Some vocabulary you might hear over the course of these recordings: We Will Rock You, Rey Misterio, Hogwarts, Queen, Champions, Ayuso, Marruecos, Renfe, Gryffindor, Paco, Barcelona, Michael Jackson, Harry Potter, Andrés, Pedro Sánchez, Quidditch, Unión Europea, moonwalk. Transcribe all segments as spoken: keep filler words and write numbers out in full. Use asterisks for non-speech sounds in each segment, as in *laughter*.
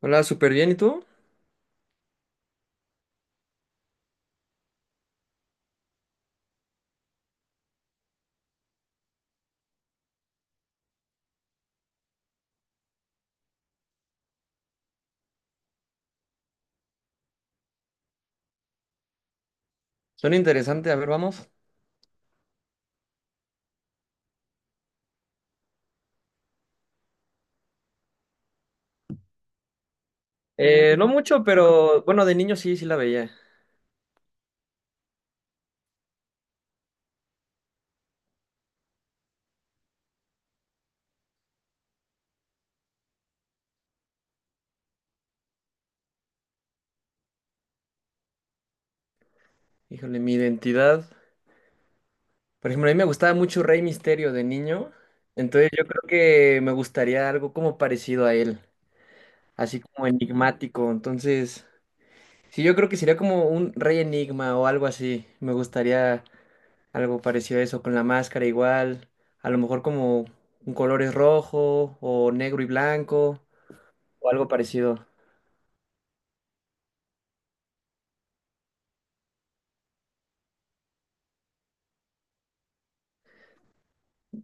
Hola, súper bien. ¿Y tú? Suena interesante. A ver, vamos. Eh, no mucho, pero bueno, de niño sí, sí la veía. Híjole, mi identidad. Por ejemplo, a mí me gustaba mucho Rey Misterio de niño. Entonces yo creo que me gustaría algo como parecido a él. Así como enigmático. Entonces, sí, yo creo que sería como un Rey Enigma o algo así. Me gustaría algo parecido a eso, con la máscara igual. A lo mejor como un colores rojo o negro y blanco o algo parecido.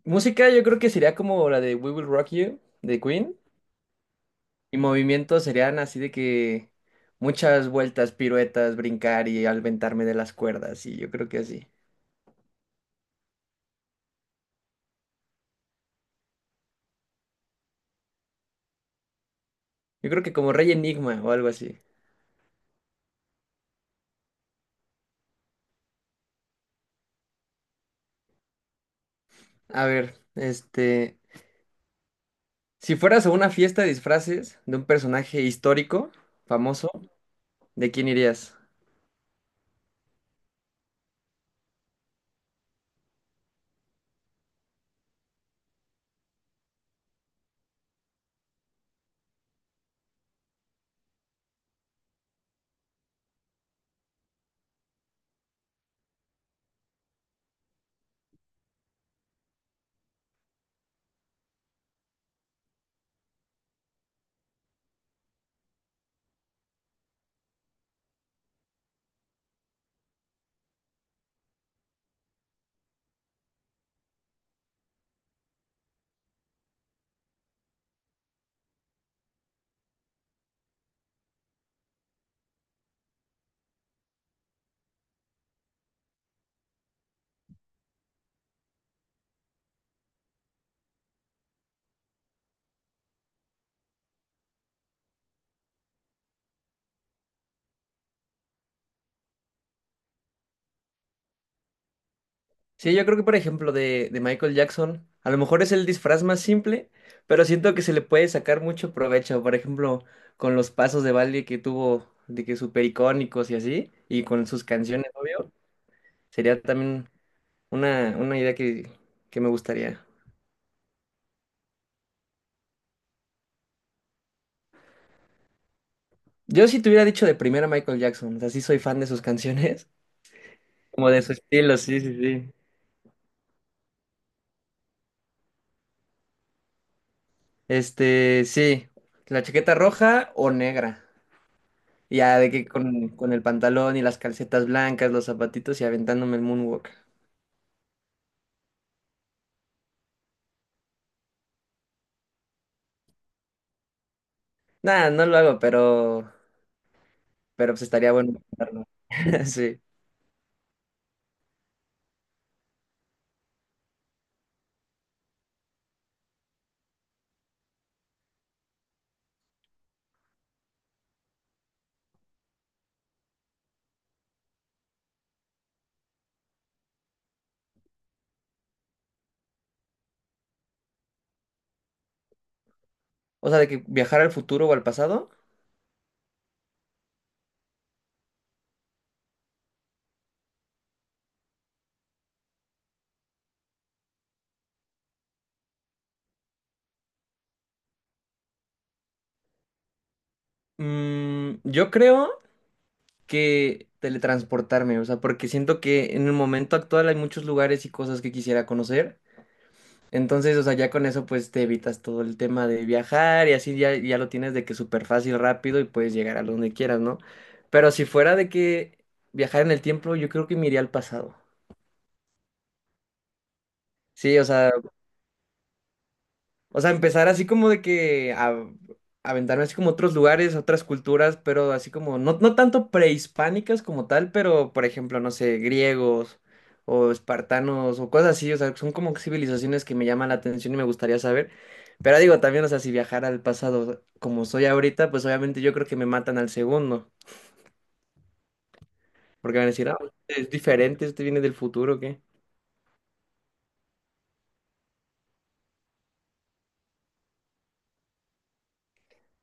Música yo creo que sería como la de We Will Rock You de Queen. Y movimientos serían así de que muchas vueltas, piruetas, brincar y alventarme de las cuerdas. Y yo creo que así. Yo creo que como Rey Enigma o algo así. A ver, este, si fueras a una fiesta de disfraces de un personaje histórico, famoso, ¿de quién irías? Sí, yo creo que por ejemplo de, de Michael Jackson, a lo mejor es el disfraz más simple, pero siento que se le puede sacar mucho provecho, por ejemplo, con los pasos de baile que tuvo, de que súper icónicos y así, y con sus canciones, obvio, sería también una, una idea que, que me gustaría. Yo si te hubiera dicho de primera Michael Jackson, o sea, sí soy fan de sus canciones, *laughs* como de su estilo, sí, sí, sí. Este, sí, la chaqueta roja o negra. Ya de que con, con el pantalón y las calcetas blancas, los zapatitos y aventándome el moonwalk. Nada, no lo hago, pero, pero pues estaría bueno intentarlo. *laughs* Sí. O sea, de que viajar al futuro o al pasado. Mm, yo creo que teletransportarme, o sea, porque siento que en el momento actual hay muchos lugares y cosas que quisiera conocer. Entonces, o sea, ya con eso pues te evitas todo el tema de viajar y así ya, ya lo tienes de que súper fácil, rápido y puedes llegar a donde quieras, ¿no? Pero si fuera de que viajar en el tiempo, yo creo que me iría al pasado. Sí, o sea, o sea, empezar así como de que a, aventarme así como a otros lugares, a otras culturas, pero así como, no, no tanto prehispánicas como tal, pero por ejemplo, no sé, griegos o espartanos o cosas así, o sea, son como civilizaciones que me llaman la atención y me gustaría saber. Pero digo, también, o sea, si viajara al pasado como soy ahorita, pues obviamente yo creo que me matan al segundo, porque van a decir, ah, es diferente, este viene del futuro, ¿o ¿qué?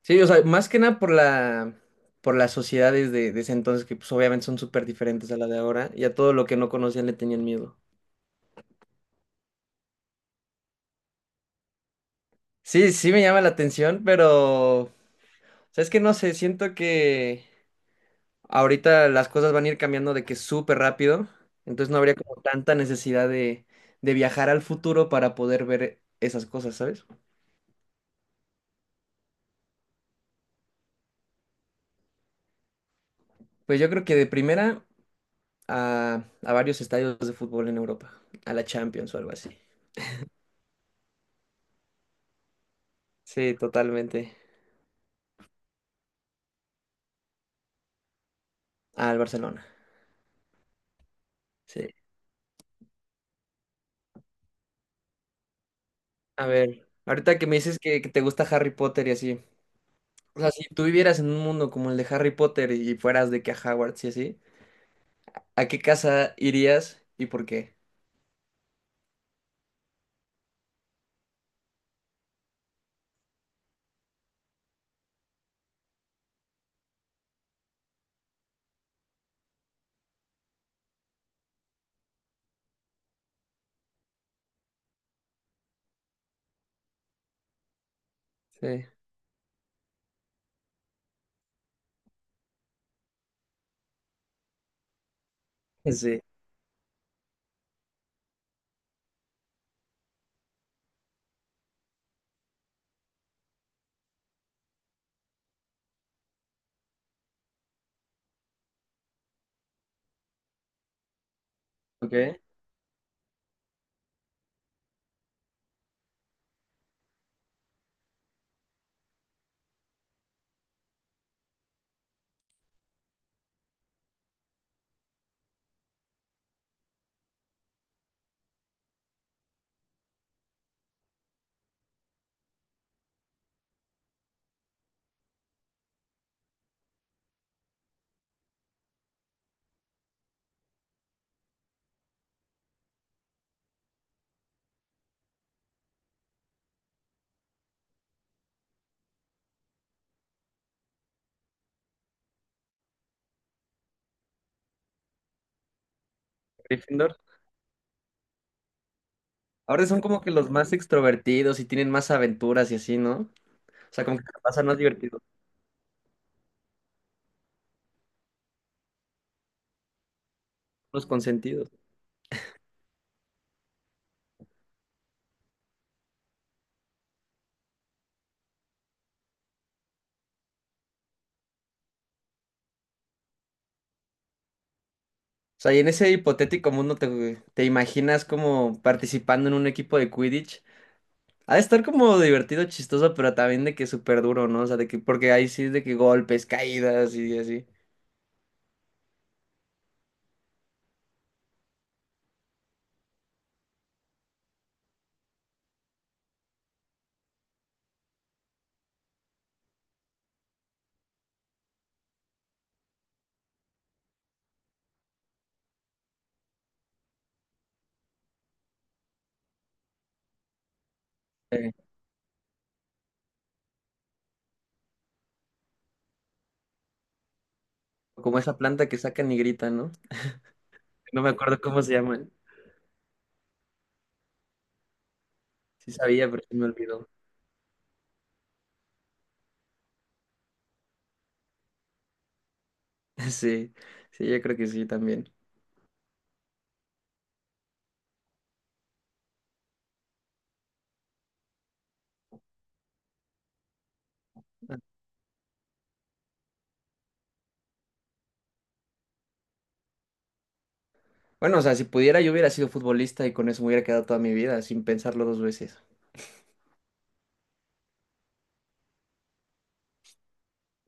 Sí, o sea, más que nada por la, por las sociedades de, de ese entonces, que pues obviamente son súper diferentes a la de ahora, y a todo lo que no conocían le tenían miedo. Sí, sí me llama la atención, pero sabes que no sé, siento que ahorita las cosas van a ir cambiando de que súper rápido, entonces no habría como tanta necesidad de, de viajar al futuro para poder ver esas cosas, ¿sabes? Pues yo creo que de primera a, a varios estadios de fútbol en Europa, a la Champions o algo así. Sí, totalmente. Al Barcelona. Sí. A ver, ahorita que me dices que, que te gusta Harry Potter y así, o sea, si tú vivieras en un mundo como el de Harry Potter y fueras de que a Hogwarts y así, ¿a qué casa irías y por qué? Sí. Sí. Ok. Gryffindor. Ahora son como que los más extrovertidos y tienen más aventuras y así, ¿no? O sea, como que te pasan más divertidos, los consentidos. O sea, y en ese hipotético mundo te, te imaginas como participando en un equipo de Quidditch. Ha de estar como divertido, chistoso, pero también de que súper duro, ¿no? O sea, de que, porque ahí sí es de que golpes, caídas y así. Eh, Como esa planta que sacan y gritan, ¿no? No me acuerdo cómo se llama. Sí sabía, pero se me olvidó. *laughs* Sí, sí, yo creo que sí también. Bueno, o sea, si pudiera, yo hubiera sido futbolista y con eso me hubiera quedado toda mi vida, sin pensarlo dos veces.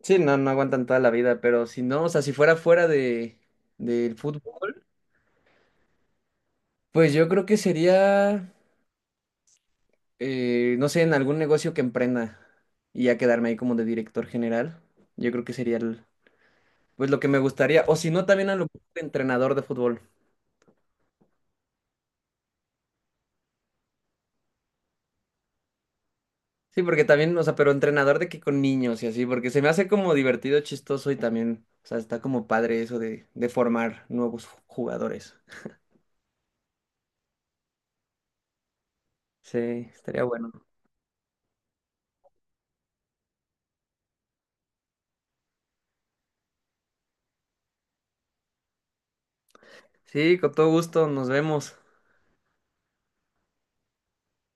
Sí, no, no aguantan toda la vida, pero si no, o sea, si fuera fuera de, del fútbol, pues yo creo que sería, eh, no sé, en algún negocio que emprenda y ya quedarme ahí como de director general. Yo creo que sería el- pues lo que me gustaría. O si no, también a lo mejor de entrenador de fútbol. Sí, porque también, o sea, pero entrenador de que con niños y así, porque se me hace como divertido, chistoso y también, o sea, está como padre eso de, de formar nuevos jugadores. Sí, estaría bueno. Sí, con todo gusto, nos vemos.